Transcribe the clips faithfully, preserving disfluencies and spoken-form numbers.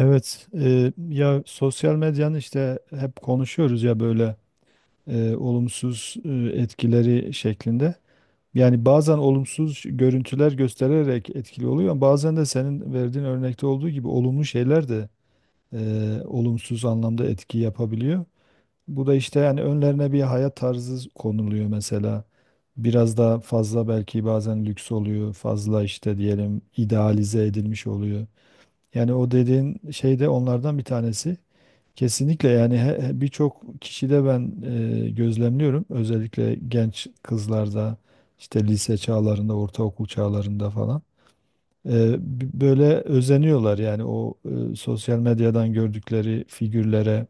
Evet, e, ya sosyal medyanın işte hep konuşuyoruz ya böyle e, olumsuz e, etkileri şeklinde. Yani bazen olumsuz görüntüler göstererek etkili oluyor ama bazen de senin verdiğin örnekte olduğu gibi olumlu şeyler de e, olumsuz anlamda etki yapabiliyor. Bu da işte yani önlerine bir hayat tarzı konuluyor mesela. Biraz daha fazla belki bazen lüks oluyor, fazla işte diyelim idealize edilmiş oluyor. Yani o dediğin şey de onlardan bir tanesi. Kesinlikle yani he- birçok kişide ben e, gözlemliyorum. Özellikle genç kızlarda işte lise çağlarında, ortaokul çağlarında falan. E, b- böyle özeniyorlar yani o e, sosyal medyadan gördükleri figürlere,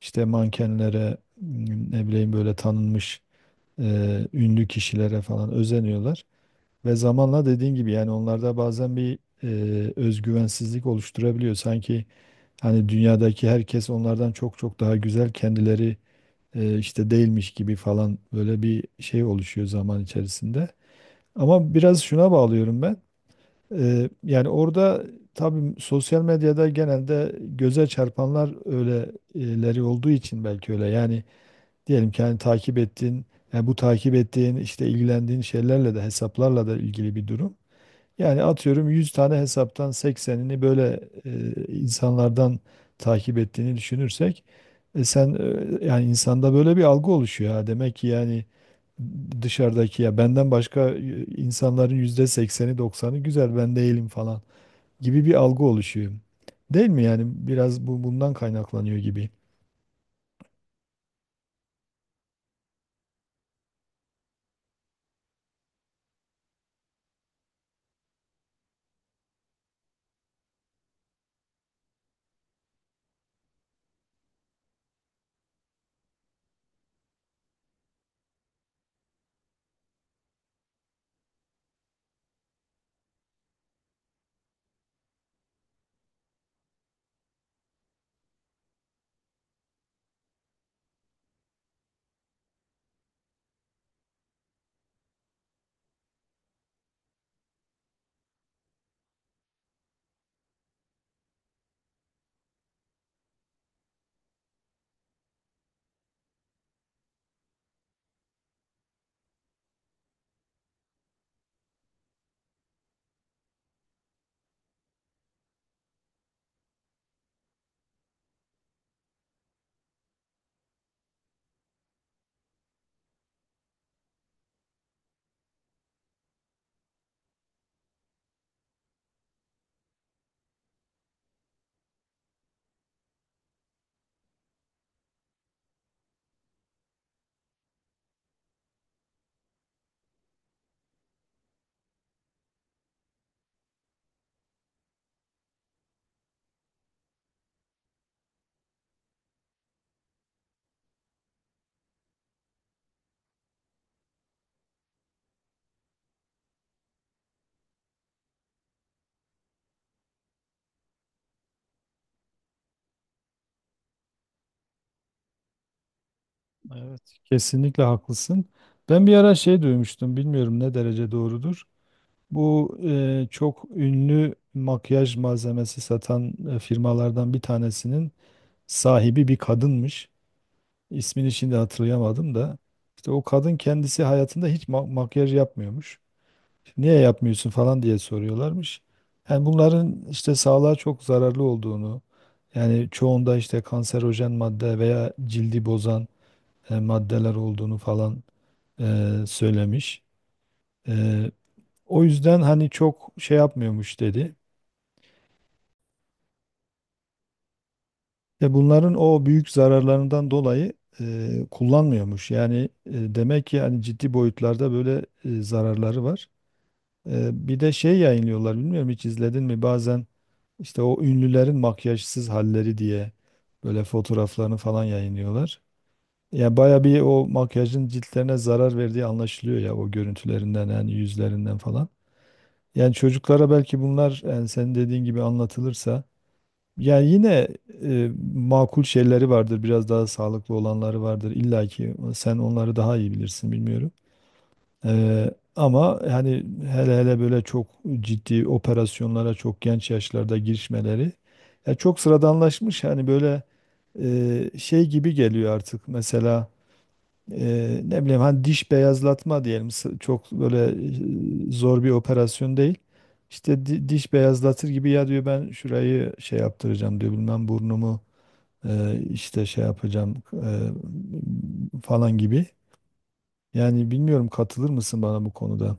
işte mankenlere, m, ne bileyim böyle tanınmış e, ünlü kişilere falan özeniyorlar. Ve zamanla dediğin gibi yani onlarda bazen bir e, özgüvensizlik oluşturabiliyor. Sanki hani dünyadaki herkes onlardan çok çok daha güzel kendileri e, işte değilmiş gibi falan böyle bir şey oluşuyor zaman içerisinde. Ama biraz şuna bağlıyorum ben. E, yani orada tabii sosyal medyada genelde göze çarpanlar öyleleri olduğu için belki öyle. Yani diyelim ki hani takip ettiğin, yani bu takip ettiğin işte ilgilendiğin şeylerle de hesaplarla da ilgili bir durum. Yani atıyorum yüz tane hesaptan seksenini böyle e, insanlardan takip ettiğini düşünürsek e, sen e, yani insanda böyle bir algı oluşuyor ha. Demek ki yani dışarıdaki ya benden başka e, insanların yüzde sekseni doksanı güzel ben değilim falan gibi bir algı oluşuyor. Değil mi yani biraz bu bundan kaynaklanıyor gibi. Evet, kesinlikle haklısın. Ben bir ara şey duymuştum, bilmiyorum ne derece doğrudur. Bu e, çok ünlü makyaj malzemesi satan e, firmalardan bir tanesinin sahibi bir kadınmış. İsmini şimdi hatırlayamadım da. İşte o kadın kendisi hayatında hiç ma- makyaj yapmıyormuş. Niye yapmıyorsun falan diye soruyorlarmış. Yani bunların işte sağlığa çok zararlı olduğunu, yani çoğunda işte kanserojen madde veya cildi bozan e, maddeler olduğunu falan e, söylemiş. E, O yüzden hani çok şey yapmıyormuş dedi. Ve bunların o büyük zararlarından dolayı e, kullanmıyormuş. Yani e, demek ki yani ciddi boyutlarda böyle e, zararları var. E, bir de şey yayınlıyorlar bilmiyorum hiç izledin mi bazen işte o ünlülerin makyajsız halleri diye böyle fotoğraflarını falan yayınlıyorlar. Yani baya bir o makyajın ciltlerine zarar verdiği anlaşılıyor ya o görüntülerinden yani yüzlerinden falan. Yani çocuklara belki bunlar yani senin dediğin gibi anlatılırsa yani yine e, makul şeyleri vardır, biraz daha sağlıklı olanları vardır. İlla ki sen onları daha iyi bilirsin bilmiyorum. Eee, ama hani hele hele böyle çok ciddi operasyonlara çok genç yaşlarda girişmeleri ya çok sıradanlaşmış. Hani böyle e, şey gibi geliyor artık mesela e, ne bileyim hani diş beyazlatma diyelim S- çok böyle e, zor bir operasyon değil. İşte di- diş beyazlatır gibi ya diyor ben şurayı şey yaptıracağım diyor bilmem burnumu e, işte şey yapacağım e, falan gibi. Yani bilmiyorum katılır mısın bana bu konuda?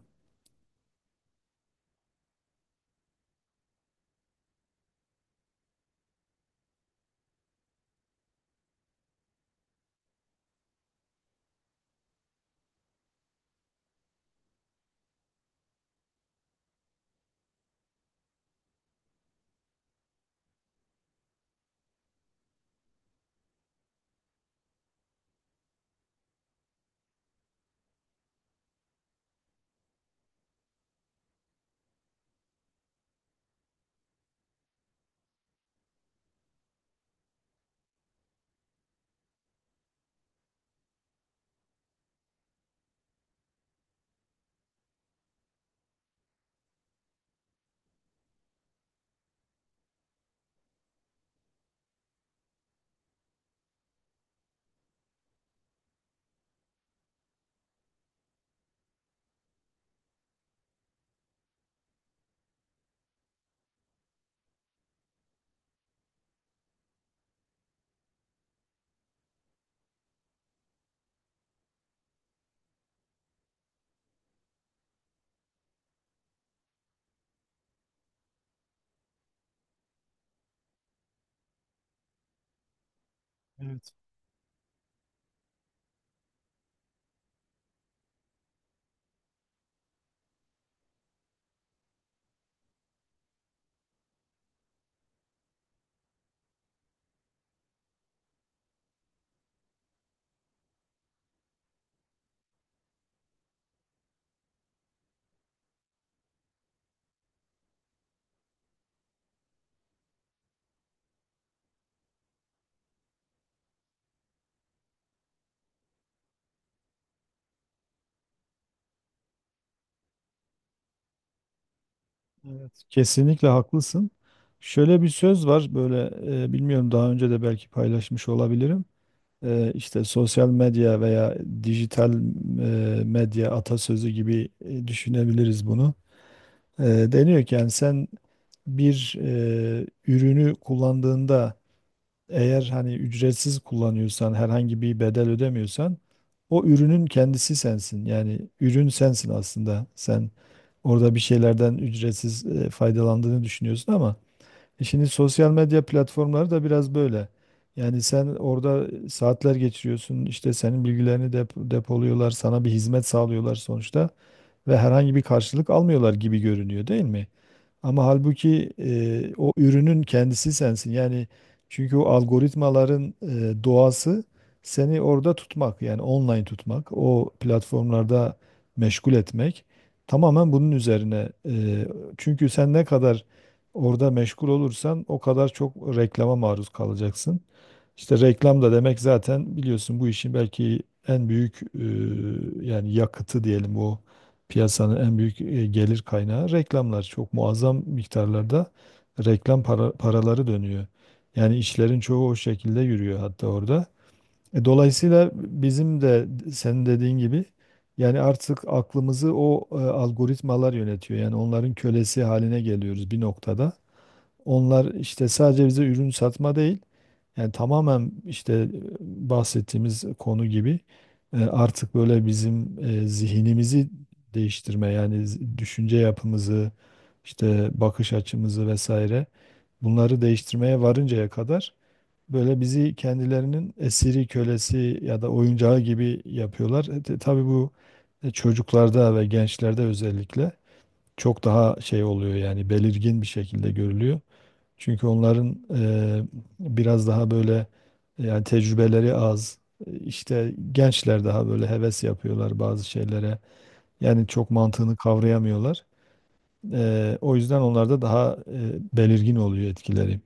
Evet. Kesinlikle haklısın. Şöyle bir söz var böyle e, bilmiyorum daha önce de belki paylaşmış olabilirim. E, işte sosyal medya veya dijital e, medya atasözü gibi e, düşünebiliriz bunu. E, Deniyor ki yani sen bir e, ürünü kullandığında eğer hani ücretsiz kullanıyorsan, herhangi bir bedel ödemiyorsan o ürünün kendisi sensin. Yani ürün sensin aslında. Sen orada bir şeylerden ücretsiz e, faydalandığını düşünüyorsun ama e, şimdi sosyal medya platformları da biraz böyle. Yani sen orada saatler geçiriyorsun, işte senin bilgilerini dep- depoluyorlar, sana bir hizmet sağlıyorlar sonuçta ve herhangi bir karşılık almıyorlar gibi görünüyor değil mi? Ama halbuki e, o ürünün kendisi sensin. Yani çünkü o algoritmaların e, doğası seni orada tutmak, yani online tutmak, o platformlarda meşgul etmek tamamen bunun üzerine. E, çünkü sen ne kadar orada meşgul olursan o kadar çok reklama maruz kalacaksın. İşte reklam da demek zaten biliyorsun bu işin belki en büyük e, yani yakıtı diyelim. O piyasanın en büyük e, gelir kaynağı reklamlar. Çok muazzam miktarlarda reklam para- paraları dönüyor. Yani işlerin çoğu o şekilde yürüyor hatta orada. E, dolayısıyla bizim de senin dediğin gibi yani artık aklımızı o e, algoritmalar yönetiyor. Yani onların kölesi haline geliyoruz bir noktada. Onlar işte sadece bize ürün satma değil, yani tamamen işte e, bahsettiğimiz konu gibi e, artık böyle bizim e, zihnimizi değiştirme yani z- düşünce yapımızı, işte bakış açımızı vesaire bunları değiştirmeye varıncaya kadar böyle bizi kendilerinin esiri, kölesi ya da oyuncağı gibi yapıyorlar. E, te- tabii bu e, çocuklarda ve gençlerde özellikle çok daha şey oluyor yani belirgin bir şekilde görülüyor. Çünkü onların e, biraz daha böyle e, yani tecrübeleri az. E, İşte gençler daha böyle heves yapıyorlar bazı şeylere. Yani çok mantığını kavrayamıyorlar. E, o yüzden onlarda daha e, belirgin oluyor etkileri.